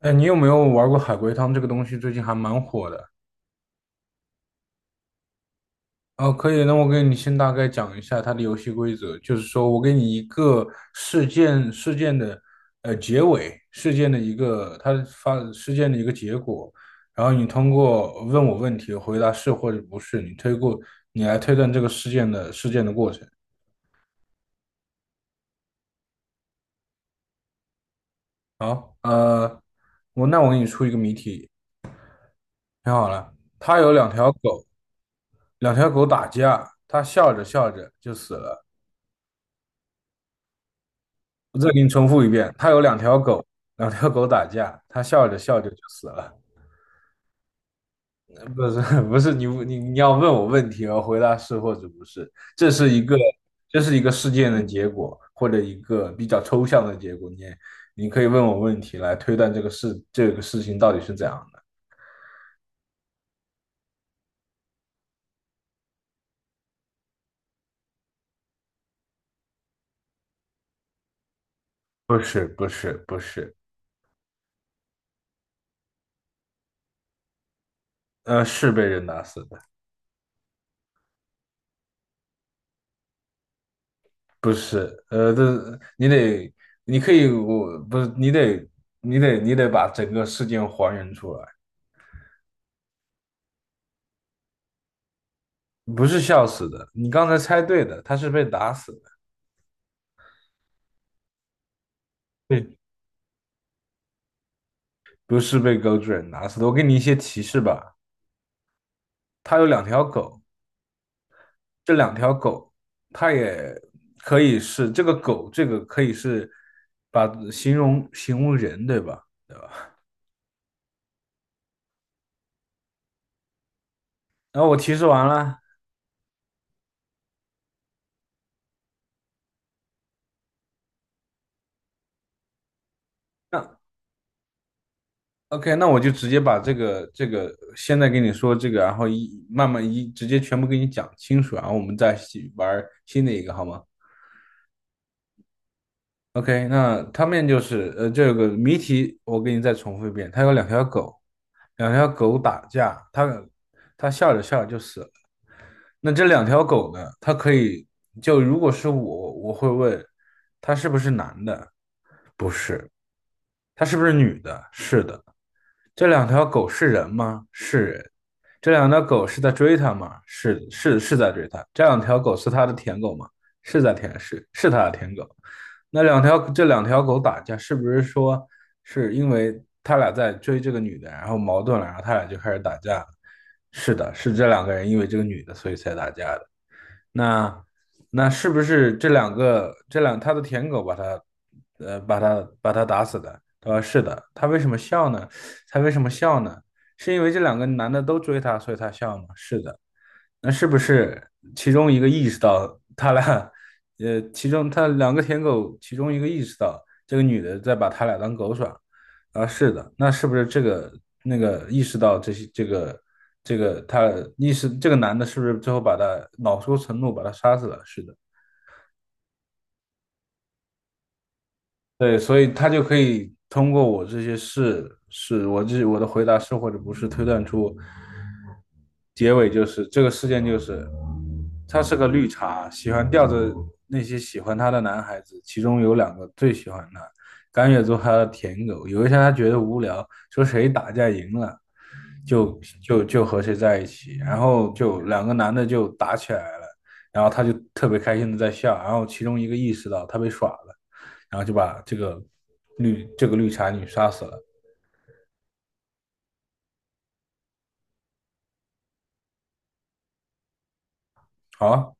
哎，你有没有玩过海龟汤这个东西？最近还蛮火的。哦，可以，那我给你先大概讲一下它的游戏规则，就是说我给你一个事件的结尾,事件的一个结果，然后你通过问我问题回答是或者不是，你来推断这个事件的过程。好，那我给你出一个谜题，听好了。他有两条狗，两条狗打架，他笑着笑着就死了。我再给你重复一遍，他有两条狗，两条狗打架，他笑着笑着就死了。不是不是，你要问我问题，我回答是或者不是，这是一个这是一个事件的结果，或者一个比较抽象的结果。你可以问我问题来推断这个事情到底是怎样的。不是不是不是，是被人打死的，不是，这你得你可以我不是你得你得你得把整个事件还原出来。不是笑死的，你刚才猜对的，他是被打死的，对，不是被狗主人打死的。我给你一些提示吧，他有两条狗，这两条狗，它也可以是这个狗，这个可以是把形容人，对吧？然后我提示完了，那 OK,那我就直接把这个现在跟你说这个，然后一慢慢一直接全部给你讲清楚，然后我们再一起玩新的一个好吗？OK,那他面就是这个谜题我给你再重复一遍，他有两条狗，两条狗打架，他笑着笑着就死了。那这两条狗呢，它可以就如果是我，我会问他是不是男的？不是，他是不是女的？是的。这两条狗是人吗？是人。这两条狗是在追他吗？是是是在追他。这两条狗是他的舔狗吗？是在舔，是他的舔狗。那两条这两条狗打架，是不是说是因为他俩在追这个女的，然后矛盾了，然后他俩就开始打架是的，是这两个人因为这个女的，所以才打架的。那是不是这两个这两他的舔狗把他把他打死的？他说是的。他为什么笑呢？他为什么笑呢？是因为这两个男的都追他，所以他笑吗？是的。那是不是其中一个意识到他俩，其中他两个舔狗，其中一个意识到这个女的在把他俩当狗耍，啊，是的，那是不是这个那个意识到这些这个这个他意识这个男的是不是最后把他恼羞成怒把他杀死了？是的，对，所以他就可以通过我这些是是我这我的回答是或者不是推断出结尾就是这个事件就是他是个绿茶，喜欢吊着那些喜欢他的男孩子，其中有两个最喜欢他，甘愿做他的舔狗。有一天他觉得无聊，说谁打架赢了就和谁在一起，然后就两个男的就打起来了，然后他就特别开心的在笑，然后其中一个意识到他被耍了。然后就把这个绿茶女杀死了。好，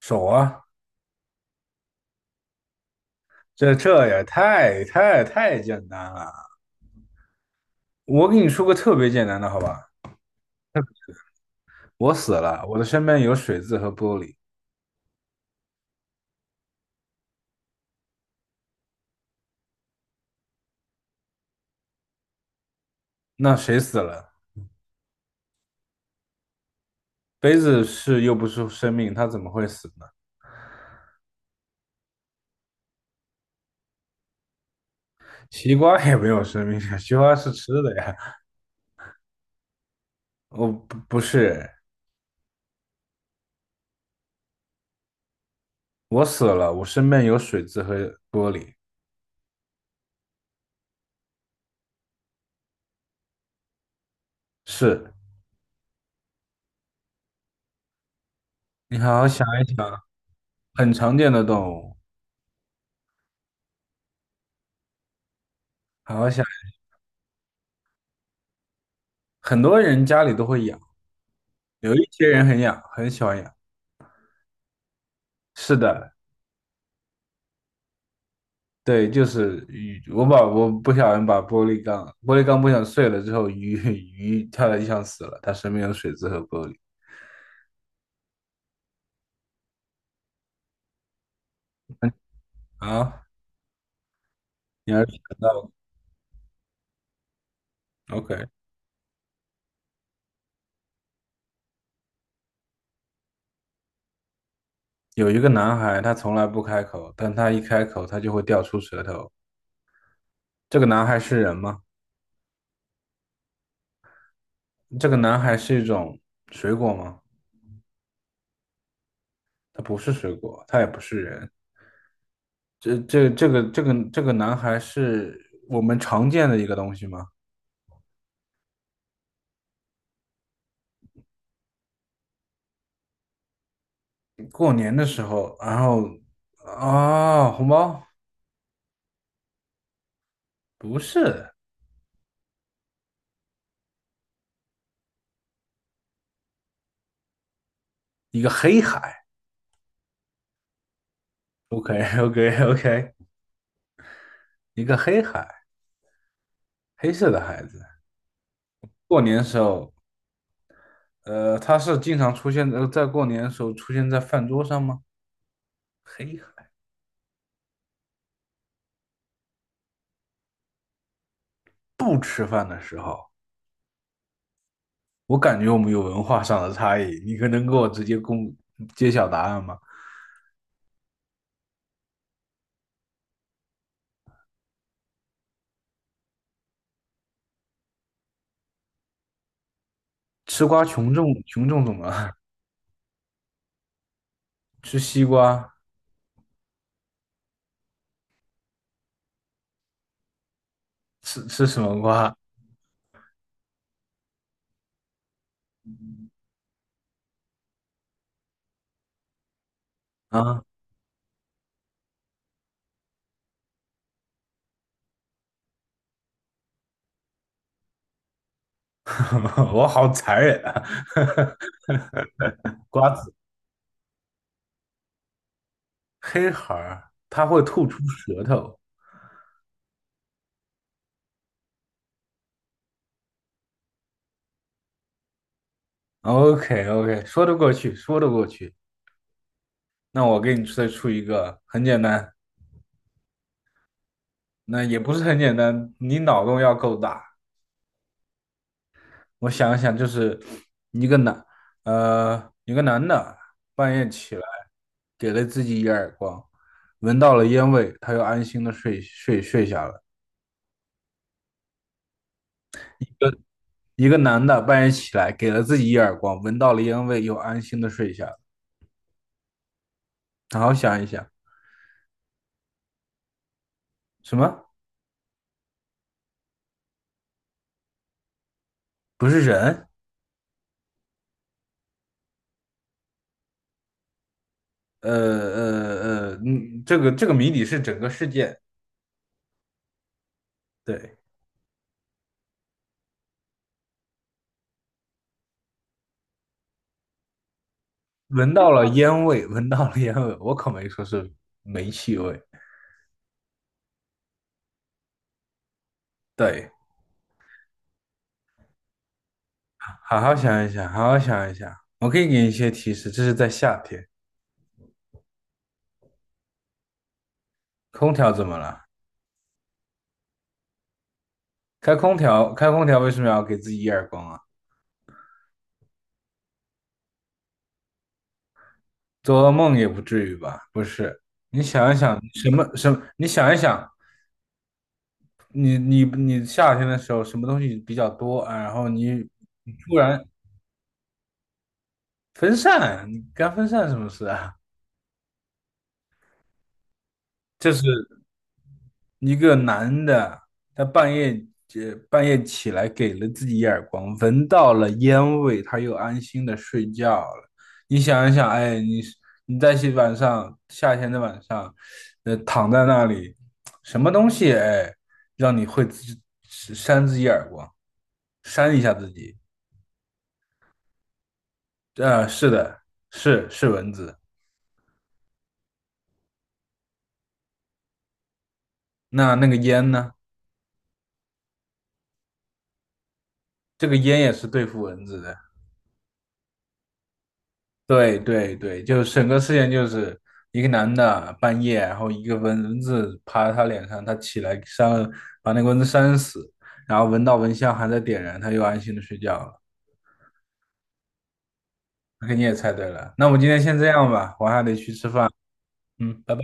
手啊，这也太简单了。我给你说个特别简单的，好吧？我死了，我的身边有水渍和玻璃，那谁死了？杯子是又不是生命，它怎么会死呢？西瓜也没有生命啊，西瓜是吃的呀。哦，不是，我死了，我身边有水渍和玻璃。是，你好好想一想，很常见的动物，好好想。很多人家里都会养，有一些人很养，很喜欢养。是的，对，就是鱼。我不小心把玻璃缸，玻璃缸不小心碎了之后，鱼 鱼跳在地上死了，它身边有水渍和玻璃。啊，你还是想到 OK。有一个男孩，他从来不开口，但他一开口，他就会掉出舌头。这个男孩是人吗？这个男孩是一种水果吗？他不是水果，他也不是人。这个男孩是我们常见的一个东西吗？过年的时候，然后啊，红包不是一个黑海，OK OK OK,一个黑海，黑色的孩子。过年的时候，他是经常出现在过年的时候出现在饭桌上吗？黑海不吃饭的时候，我感觉我们有文化上的差异，你可能给我直接揭晓答案吗？吃瓜群众怎么了？吃西瓜？吃什么瓜啊？我好残忍啊！瓜子黑孩儿，它会吐出舌头。OK OK,说得过去，说得过去。那我给你再出一个，很简单，那也不是很简单，你脑洞要够大。我想一想，就是一个男，一个男的半夜起来，给了自己一耳光，闻到了烟味，他又安心的睡下了。一个男的半夜起来，给了自己一耳光，闻到了烟味，又安心的睡下了。好好想一想，什么？不是人？嗯，这个谜底是整个事件，对，闻到了烟味，闻到了烟味，我可没说是煤气味，对，好好想一想，好好想一想，我可以给你一些提示，这是在夏天，空调怎么了？开空调，开空调为什么要给自己一耳光啊？做噩梦也不至于吧？不是，你想一想，什么什么？你想一想，你夏天的时候什么东西比较多啊？然后你突然分散，你干分散什么事啊？这是一个男的，他半夜半夜起来给了自己一耳光，闻到了烟味，他又安心的睡觉了。你想一想，哎，你在晚上夏天的晚上，躺在那里，什么东西哎，让你会自扇自己耳光，扇一下自己？啊，是的，是蚊子。那那个烟呢？这个烟也是对付蚊子的。对对对，就整个事件就是一个男的半夜，然后一个蚊子爬他脸上，他起来扇了，把那个蚊子扇死，然后闻到蚊香还在点燃，他又安心的睡觉了。那你也猜对了，那我们今天先这样吧，我还得去吃饭。嗯，拜拜。